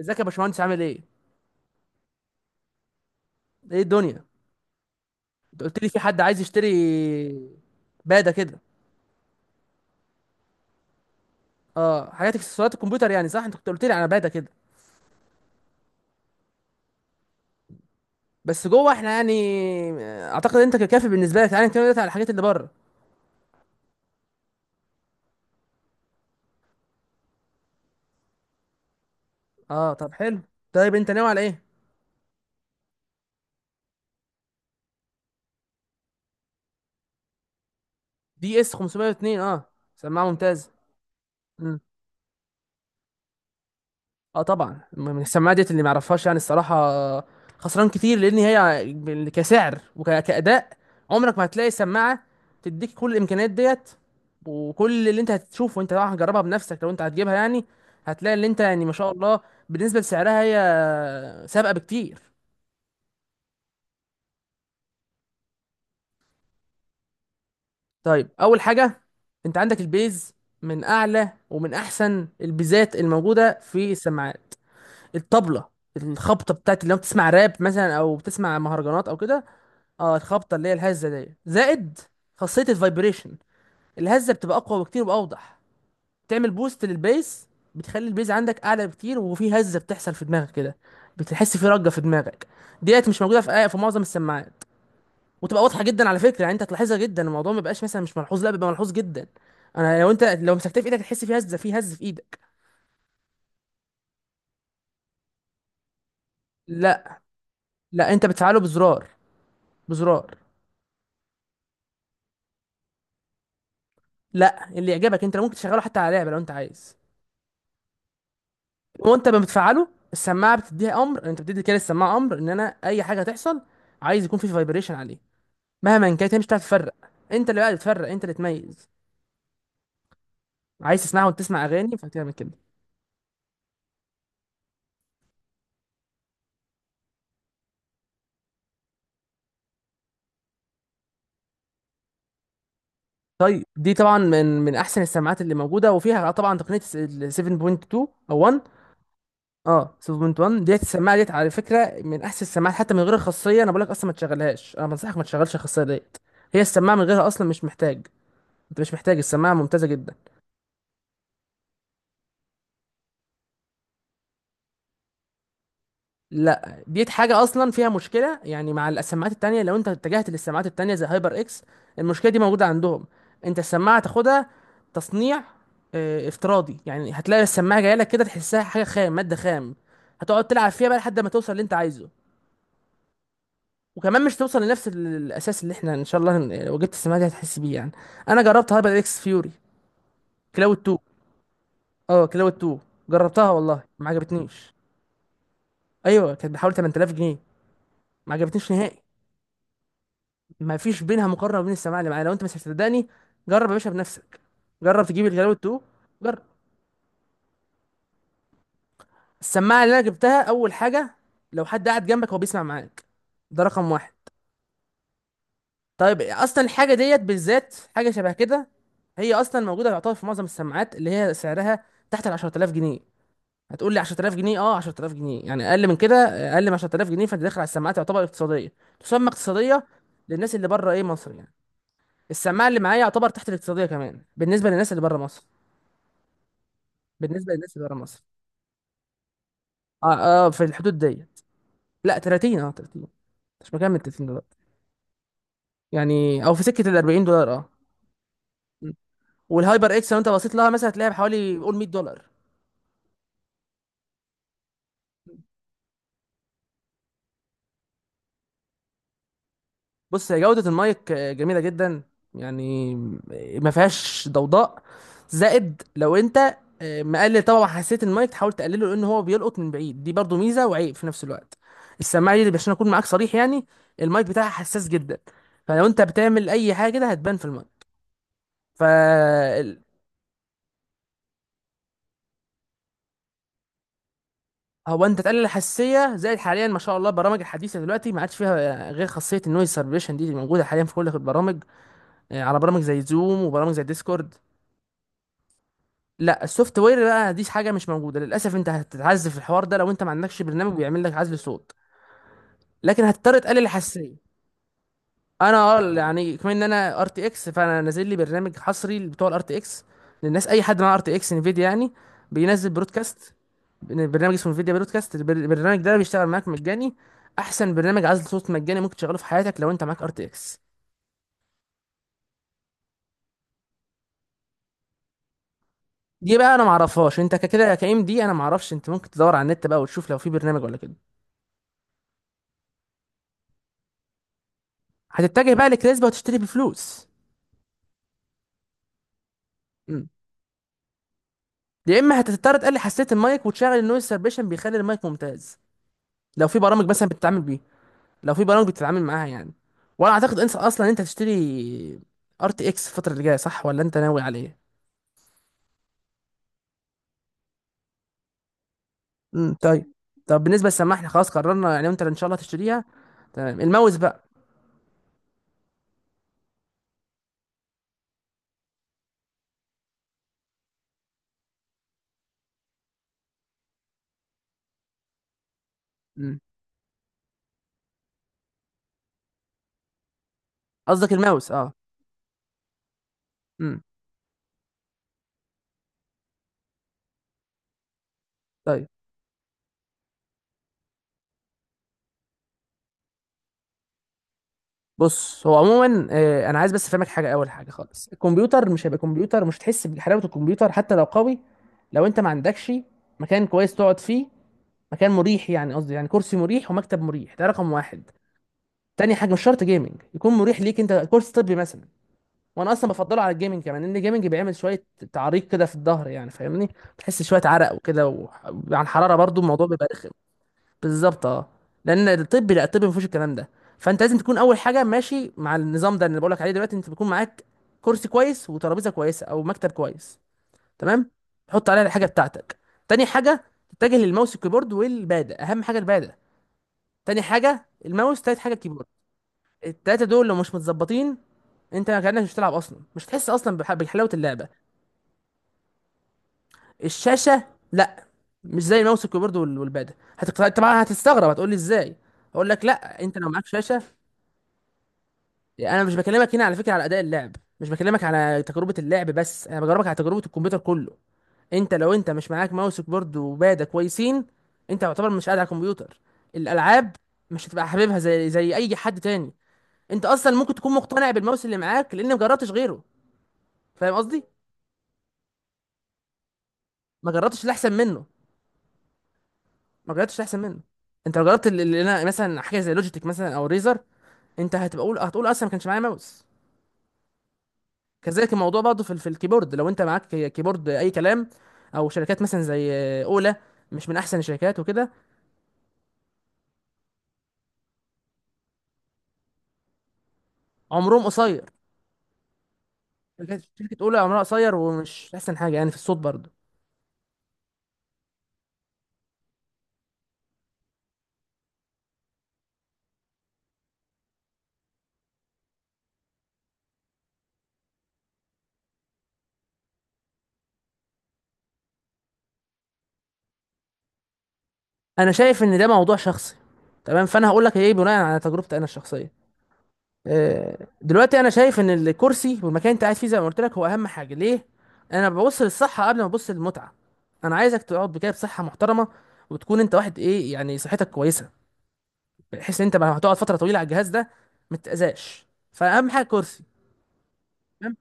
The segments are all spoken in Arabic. ازيك يا باشمهندس؟ عامل ايه؟ ايه الدنيا؟ انت قلت لي في حد عايز يشتري باده كده. اه، حاجات اكسسوارات الكمبيوتر يعني. صح، انت كنت قلت لي على باده كده. بس جوه احنا يعني. اعتقد انت ككافي بالنسبه لك. تعالى نتكلم دلوقتي على الحاجات اللي بره. اه طب حلو. طيب، انت ناوي على ايه؟ دي اس 502. اه، سماعه ممتازه. اه، طبعا من السماعه ديت اللي ما يعرفهاش يعني الصراحه خسران كتير، لان هي كسعر وكاداء عمرك ما هتلاقي سماعه تديك كل الامكانيات ديت. وكل اللي انت هتشوفه، وانت طبعا هتجربها بنفسك لو انت هتجيبها يعني، هتلاقي اللي انت يعني ما شاء الله. بالنسبه لسعرها هي سابقه بكتير. طيب، اول حاجه انت عندك البيز، من اعلى ومن احسن البيزات الموجوده في السماعات. الطبله، الخبطه بتاعت لو بتسمع راب مثلا او بتسمع مهرجانات او كده. اه، الخبطه اللي هي الهزه دي، زائد خاصيه الفايبريشن. الهزه بتبقى اقوى بكتير واوضح. بتعمل بوست للبيز. بتخلي البيز عندك اعلى بكتير، وفي هزه بتحصل في دماغك كده، بتحس في رجه في دماغك. ديت مش موجوده في معظم السماعات. وتبقى واضحه جدا على فكره. يعني انت هتلاحظها جدا، الموضوع ما بيبقاش مثلا مش ملحوظ، لا بيبقى ملحوظ جدا. انا لو انت لو مسكتها في ايدك هتحس في هزه في ايدك. لا. لا، انت بتفعله بزرار. بزرار. لا، اللي يعجبك انت. لو ممكن تشغله حتى على لعبه لو انت عايز. وانت ما بتفعله، السماعه بتديها امر. انت بتدي كده السماعه امر ان انا اي حاجه هتحصل عايز يكون في فايبريشن عليه مهما كانت، هي مش هتعرف تفرق. انت اللي بقى تفرق، انت اللي تميز. عايز تسمعها وتسمع اغاني فبتعمل كده. طيب، دي طبعا من احسن السماعات اللي موجوده، وفيها طبعا تقنيه ال 7.2 او 1 اه 7.1. ديت السماعه ديت على فكره من احسن السماعات، حتى من غير الخاصيه. انا بقول لك اصلا ما تشغلهاش، انا بنصحك ما تشغلش الخاصيه ديت. هي السماعه من غيرها اصلا مش محتاج. انت مش محتاج، السماعه ممتازه جدا. لا، ديت حاجة أصلا فيها مشكلة يعني، مع السماعات التانية. لو أنت اتجهت للسماعات التانية زي هايبر إكس، المشكلة دي موجودة عندهم. أنت السماعة تاخدها تصنيع افتراضي، يعني هتلاقي السماعة جاية لك كده، تحسها حاجة خام، مادة خام. هتقعد تلعب فيها بقى لحد ما توصل اللي أنت عايزه. وكمان مش توصل لنفس الأساس اللي إحنا إن شاء الله لو جبت السماعة دي هتحس بيه يعني. أنا جربت هايبر إكس فيوري كلاود 2. كلاود 2. جربتها والله ما عجبتنيش. أيوه، كانت بحوالي 8000 جنيه. ما عجبتنيش نهائي. ما فيش بينها مقارنه وبين السماعه اللي معايا. لو انت مش هتصدقني، جرب يا باشا بنفسك. جرب تجيب الجلاوي التو. جرب. السماعه اللي انا جبتها، اول حاجه لو حد قاعد جنبك هو بيسمع معاك، ده رقم واحد. طيب اصلا الحاجه ديت بالذات حاجه شبه كده، هي اصلا موجوده يعتبر في معظم السماعات اللي هي سعرها تحت ال 10000 جنيه. هتقول لي 10000 جنيه؟ اه، 10000 جنيه يعني اقل من كده. اقل من 10000 جنيه فانت داخل على السماعات يعتبر اقتصاديه، تسمى اقتصاديه للناس اللي بره ايه مصر يعني. السماعه اللي معايا يعتبر تحت الاقتصاديه كمان بالنسبه للناس اللي بره مصر. بالنسبه للناس اللي بره مصر. اه. اه، في الحدود دي. لا 30، اه 30. مش مكمل 30 دولار. يعني او في سكه ال 40 دولار، اه. م. والهايبر اكس لو انت بصيت لها مثلا هتلاقيها بحوالي قول 100 دولار. بص، هي جوده المايك جميله جدا يعني، ما فيهاش ضوضاء. زائد لو انت مقلل طبعا حساسيه المايك تحاول تقلله، لان هو بيلقط من بعيد. دي برضو ميزه وعيب في نفس الوقت. السماعه دي، عشان اكون معاك صريح يعني، المايك بتاعها حساس جدا. فلو انت بتعمل اي حاجه كده هتبان في المايك ف هو انت تقلل الحساسيه زائد. حاليا ما شاء الله البرامج الحديثه دلوقتي ما عادش فيها غير خاصيه النويز سيرفيليشن دي اللي موجوده حاليا في كل البرامج. على برامج زي زوم وبرامج زي ديسكورد. لا، السوفت وير بقى دي حاجه مش موجوده للاسف. انت هتتعذب في الحوار ده لو انت ما عندكش برنامج بيعمل لك عزل صوت. لكن هتضطر تقلل الحساسيه. انا، اه، يعني كمان ان انا ار تي اكس، فانا نازل لي برنامج حصري بتوع الار تي اكس. للناس، اي حد معاه ار تي اكس انفيديا يعني، بينزل برودكاست. برنامج اسمه انفيديا برودكاست. البرنامج ده بيشتغل معاك مجاني. احسن برنامج عزل صوت مجاني ممكن تشغله في حياتك لو انت معاك ار تي اكس. دي بقى انا معرفهاش، انت كده كايم دي انا معرفش. انت ممكن تدور على النت بقى وتشوف لو في برنامج ولا كده. هتتجه بقى لكريسبا وتشتري بفلوس. مم. يا اما هتضطر تقلل حساسيه المايك وتشغل النويز سيربيشن، بيخلي المايك ممتاز. لو في برامج مثلا بتتعامل بيها، لو في برامج بتتعامل معاها يعني. وانا اعتقد انسى اصلا انت تشتري ار تي اكس الفتره اللي جايه، صح ولا انت ناوي على ايه؟ طيب. طب بالنسبه للسماعه احنا خلاص قررنا، يعني انت ان شاء الله تشتريها. تمام، الماوس بقى. امم قصدك الماوس؟ اه. امم طيب. بص، هو عموما انا عايز بس افهمك حاجه. اول حاجه خالص، الكمبيوتر مش هيبقى كمبيوتر، مش هتحس بحلاوه الكمبيوتر حتى لو قوي، لو انت ما عندكش مكان كويس تقعد فيه، مكان مريح يعني. قصدي يعني كرسي مريح ومكتب مريح، ده رقم واحد. تاني حاجه مش شرط جيمنج، يكون مريح ليك، انت كورس طبي مثلا. وانا اصلا بفضله على الجيمنج كمان، لان الجيمنج بيعمل شويه تعريق كده في الظهر، يعني فاهمني، بتحس شويه عرق وكده. وعن حراره برضو الموضوع بيبقى رخم. بالظبط اه. لان الطب، لا، الطب ما فيهوش الكلام ده. فانت لازم تكون اول حاجه ماشي مع النظام ده اللي بقولك عليه دلوقتي. انت بيكون معاك كرسي كويس وترابيزه كويسه او مكتب كويس، تمام، تحط عليها الحاجه بتاعتك. تاني حاجه تتجه للماوس، الكيبورد، والباده. اهم حاجه الباده، تاني حاجه الماوس، تالت حاجه الكيبورد. التلاتة دول لو مش متظبطين انت كانك مش بتلعب اصلا، مش هتحس اصلا بحلاوه اللعبه. الشاشه؟ لا، مش زي الماوس والكيبورد والباده. طبعا هتستغرب، هتقول لي ازاي، اقول لك لا، انت لو معاك شاشه. يعني انا مش بكلمك هنا على فكره على اداء اللعب، مش بكلمك على تجربه اللعب بس، انا بجربك على تجربه الكمبيوتر كله. انت لو انت مش معاك ماوس وكيبورد وباده كويسين، انت يعتبر مش قاعد على الكمبيوتر. الالعاب مش هتبقى حاببها زي اي حد تاني. انت اصلا ممكن تكون مقتنع بالماوس اللي معاك لان ما جربتش غيره، فاهم قصدي؟ ما جربتش اللي احسن منه، ما جربتش احسن منه. انت لو جربت اللي انا مثلا حاجه زي لوجيتك مثلا او ريزر، انت هتبقى قول هتقول اصلا ما كانش معايا ماوس. كذلك الموضوع برضه في الكيبورد لو انت معاك كيبورد اي كلام، او شركات مثلا زي اولا، مش من احسن الشركات وكده. عمرهم قصير. شركه اولا عمرها قصير ومش احسن حاجه يعني في الصوت برضه. انا شايف ان ده موضوع شخصي، تمام. فانا هقول لك ايه بناء على تجربتي انا الشخصيه. دلوقتي انا شايف ان الكرسي والمكان اللي انت قاعد فيه، زي ما قلت لك هو اهم حاجه ليه. انا ببص للصحه قبل ما ابص للمتعه. انا عايزك تقعد بكده بصحه محترمه، وتكون انت واحد ايه يعني صحتك كويسه، بحيث ان انت لما هتقعد فتره طويله على الجهاز ده ما تتاذاش، فاهم حاجه؟ كرسي، تمام،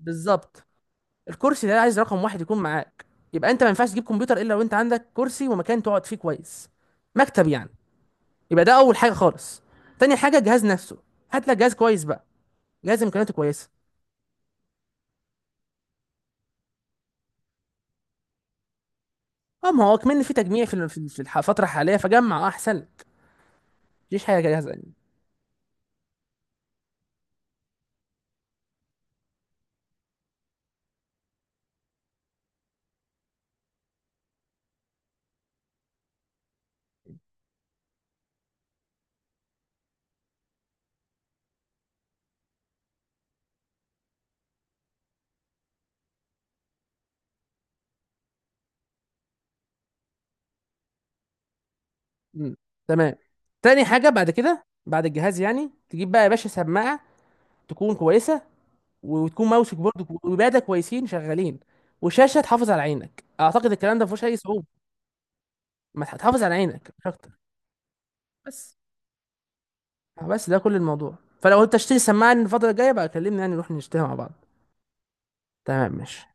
بالظبط. الكرسي ده عايز رقم واحد يكون معاك. يبقى انت ما ينفعش تجيب كمبيوتر الا لو انت عندك كرسي ومكان تقعد فيه كويس، مكتب يعني. يبقى ده اول حاجه خالص. تاني حاجه الجهاز نفسه، هات لك جهاز كويس بقى، جهاز امكانياته كويسه. اه، ما هو كمان في تجميع في الفترة الحالية، فجمع اه احسن لك. مفيش حاجة جاهزة يعني. مم. تمام. تاني حاجة بعد كده بعد الجهاز يعني تجيب بقى يا باشا سماعة تكون كويسة، وتكون ماوسك برضه وبادة كويسين شغالين، وشاشة تحافظ على عينك. اعتقد الكلام ده مفيهوش اي صعوبة. ما تح- تحافظ على عينك مش اكتر، بس. بس ده كل الموضوع. فلو انت تشتري سماعة الفترة الجاية بقى كلمني، يعني نروح نشتريها مع بعض. تمام، ماشي.